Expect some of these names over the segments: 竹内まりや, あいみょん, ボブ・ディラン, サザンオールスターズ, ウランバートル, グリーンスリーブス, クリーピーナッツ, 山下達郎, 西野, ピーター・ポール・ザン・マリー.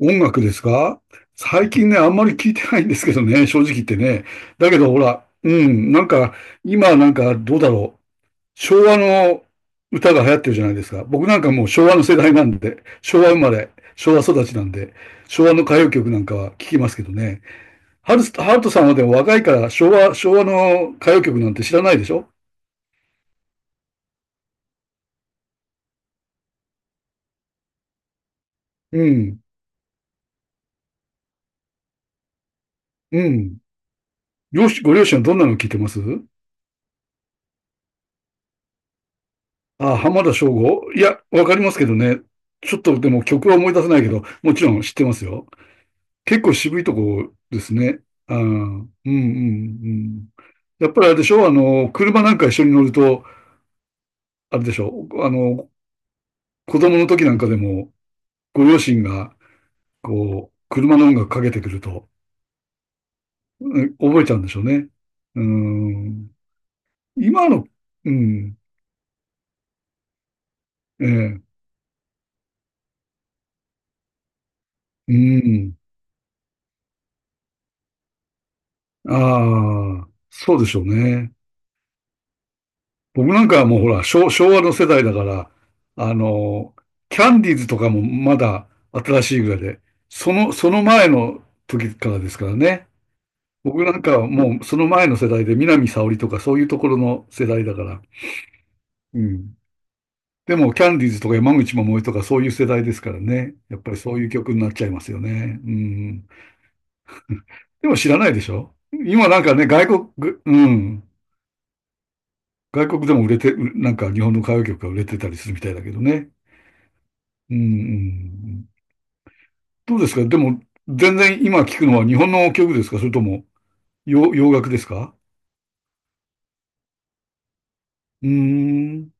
音楽ですか。最近ね、あんまり聞いてないんですけどね、正直言ってね。だけどほら、うん、なんか、今なんかどうだろう。昭和の歌が流行ってるじゃないですか。僕なんかもう昭和の世代なんで、昭和生まれ、昭和育ちなんで、昭和の歌謡曲なんかは聞きますけどね。ハルトさんはでも若いから昭和の歌謡曲なんて知らないでしょ。うん、うん。両親、ご両親はどんなの聞いてますあ、浜田省吾、いや、わかりますけどね。ちょっとでも曲は思い出せないけど、もちろん知ってますよ。結構渋いとこですね。あー、うん、うん、うん。やっぱりあれでしょ、あの、車なんか一緒に乗ると、あれでしょ、あの、子供の時なんかでも、ご両親が、こう、車の音楽かけてくると、うん、覚えちゃうんでしょうね。うん。今の、うん、ええ、うん。ああ、そうでしょうね。僕なんかはもうほら、昭和の世代だから、あの、キャンディーズとかもまだ新しいぐらいで、その前の時からですからね。僕なんかはもうその前の世代で、南沙織とかそういうところの世代だから。うん。でも、キャンディーズとか山口百恵とかそういう世代ですからね。やっぱりそういう曲になっちゃいますよね。うん。でも知らないでしょ。今なんかね、うん、外国でも売れて、なんか日本の歌謡曲が売れてたりするみたいだけどね。うん、うん、うん。どうですかでも、全然今聞くのは日本の曲ですか、それとも洋楽ですか。うーん。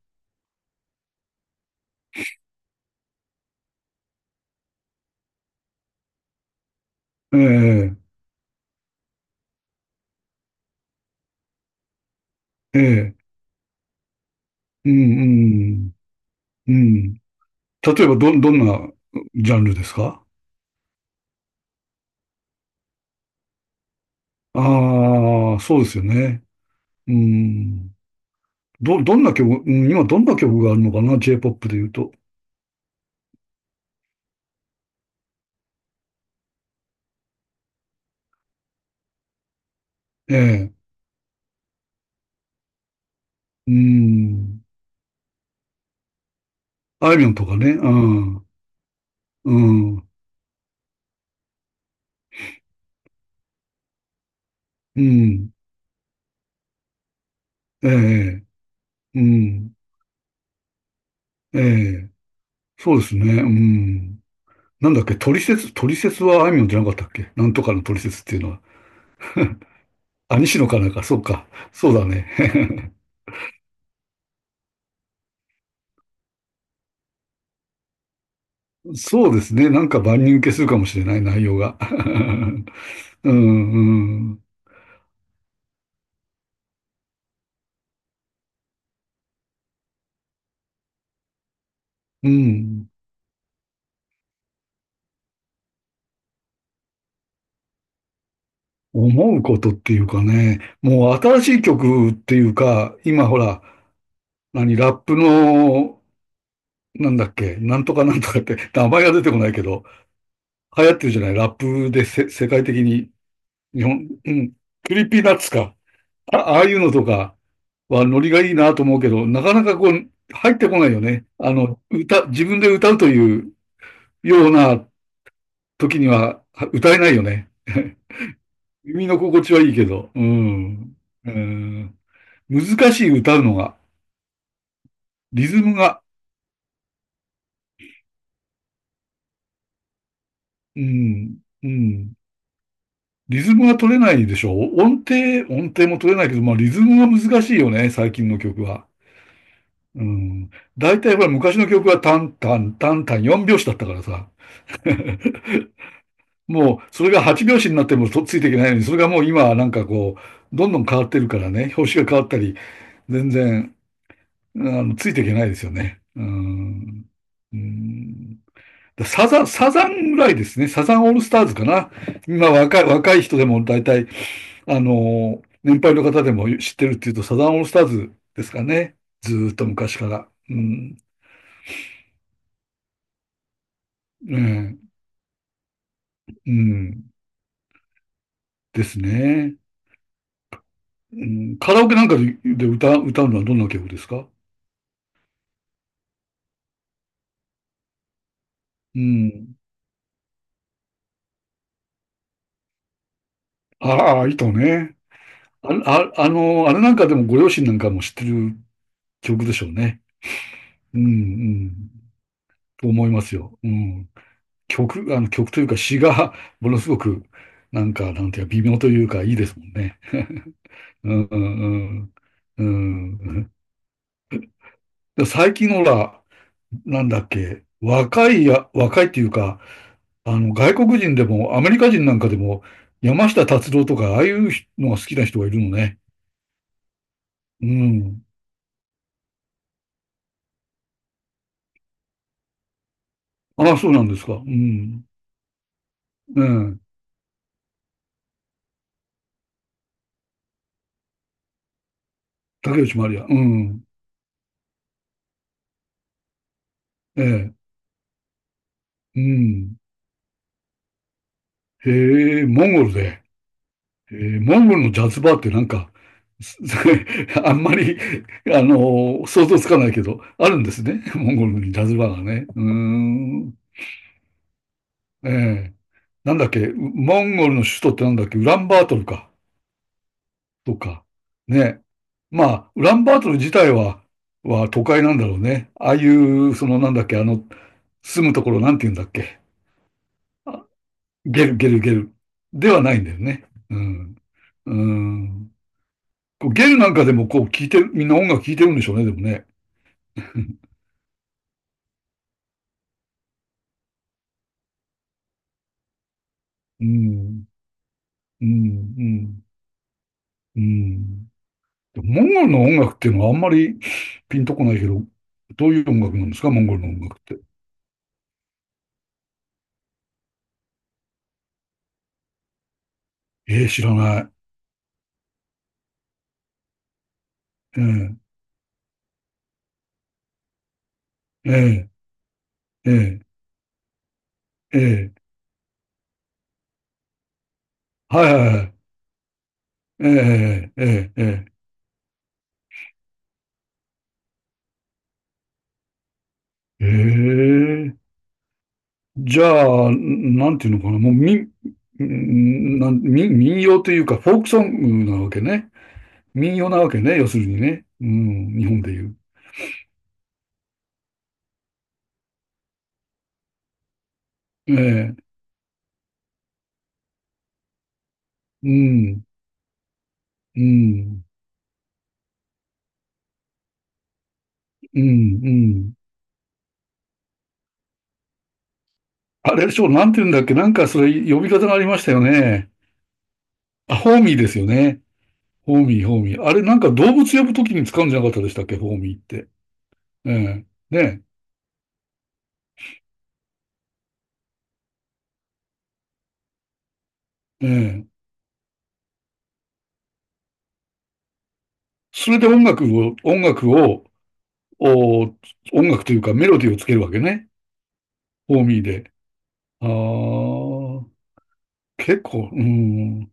ええ、ええ、うん、うん、うん。例えば、どんなジャンルですか。ああー、そうですよね。うん。どんな曲、うん、今どんな曲があるのかな？ J-POP で言うと。ええ、うん。あいみょんとかね。うん、うん、うん。ええ、うん。ええ、そうですね。うん。なんだっけ、トリセツはあいみょんじゃなかったっけ、なんとかのトリセツっていうのは。あ、西野かなんか、そうか。そうだね。そうですね。なんか万人受けするかもしれない内容が。うん、うん、うん。思うことっていうかね、もう新しい曲っていうか、今ほら、何、ラップの、なんだっけ、なんとかなんとかって、名前が出てこないけど、流行ってるじゃない、ラップで、世界的に、日本、うん、クリーピーナッツか。あ、ああいうのとかはノリがいいなと思うけど、なかなかこう、入ってこないよね。あの、歌、自分で歌うというような時には歌えないよね。耳の心地はいいけど、うん。うん。難しい、歌うのが、リズムが、うん、うん。リズムが取れないでしょ。音程も取れないけど、まあリズムが難しいよね、最近の曲は。うん。大体ほら昔の曲はタンタン4拍子だったからさ。もう、それが8拍子になってもとっついていけないのに、それがもう今はなんかこう、どんどん変わってるからね、拍子が変わったり、全然、あの、ついていけないですよね。うーん。うーん。だサザン、サザンぐらいですね。サザンオールスターズかな。今若い人でも大体、あの、年配の方でも知ってるっていうと、サザンオールスターズですかね。ずーっと昔から。うん。うん。うん。ですね。うん、カラオケなんかで歌うのはどんな曲ですか。うん。ああ、糸ね。あ、あ、あの、あれなんかでもご両親なんかも知ってる曲でしょうね。うん、うん、と思いますよ。うん。曲、あの曲というか詩が ものすごく、なんか、なんていうか、微妙というか、いいですもんね。うん、うん、うん。うん。で最近のほら、なんだっけ、若いっていうか、あの、外国人でも、アメリカ人なんかでも、山下達郎とか、ああいうのが好きな人がいるのね。うん。ああ、そうなんですか。うん。うん、竹内まりや。うん。ええ。うん。へえ、モンゴルで。ええ、モンゴルのジャズバーってなんか、す あんまり、あの、想像つかないけど、あるんですね。モンゴルにジャズバーがね。うーん。ええ。なんだっけ、モンゴルの首都ってなんだっけ、ウランバートルか。とか。ね。まあ、ウランバートル自体は、は都会なんだろうね。ああいう、そのなんだっけ、あの、住むところなんて言うんだっけ。ゲル。ではないんだよね。うん。うん。こうゲルなんかでもこう聴いてる、みんな音楽聴いてるんでしょうね、でもね。うん。うん。うん。うん。モンゴルの音楽っていうのはあんまりピンとこないけど、どういう音楽なんですか、モンゴルの音楽って。ええ、知らない。ええ、ええ、ええ、ええ、はいはいはい。ええ、ええ、ええ、ええ、ええ。じゃあ、なんていうのかな、もうんなん民、民謡というか、フォークソングなわけね。民謡なわけね、要するにね。うん、日本でいう。ええ、うん、うん、うん、うん。あれでしょ、なんていうんだっけ、なんかそれ呼び方がありましたよね。あ、ホーミーですよね。ホーミー。あれなんか動物呼ぶときに使うんじゃなかったでしたっけ、ホーミーって。ええ、ねえ、ええ。それで音楽を、お、音楽というかメロディーをつけるわけね。フォーミーで。ああ、結構、うん。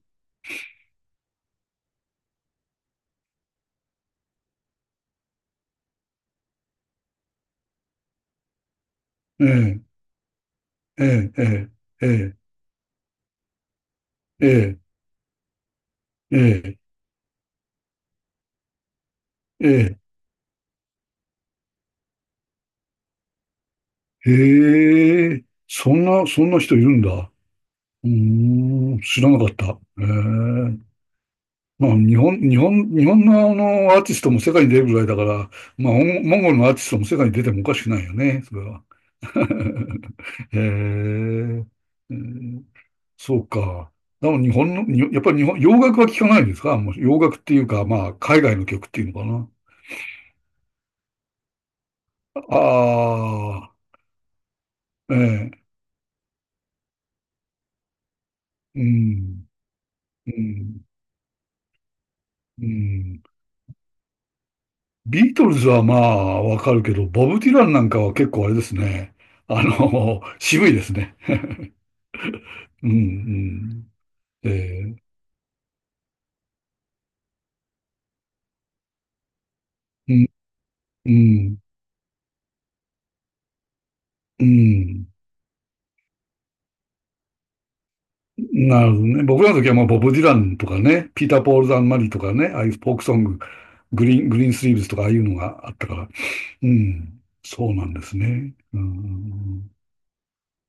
ええ、ええ、ええ、ええ、ええ、ええ、へえ、そんな人いるんだ。うーん、知らなかった。ええ。まあ、日本のあの、アーティストも世界に出るぐらいだから、まあ、モンゴルのアーティストも世界に出てもおかしくないよね、それは。へえ。ええ、そうか。でも日本の、にやっぱり日本、洋楽は聞かないですか。もう洋楽っていうか、まあ、海外の曲っていうのかな。ああ、ええ、うん、うん、うん。ビートルズはまあ、わかるけど、ボブ・ディランなんかは結構あれですね。あの、渋いですね。うん、うん。ええ、うん、うん、うん。なるほどね。僕らの時はまあ、ボブ・ディランとかね、ピーター・ポール・ザン・マリーとかね、ああいうフォークソング、グリーンスリーブスとかああいうのがあったから、うん、そうなんですね。うん、うん、うん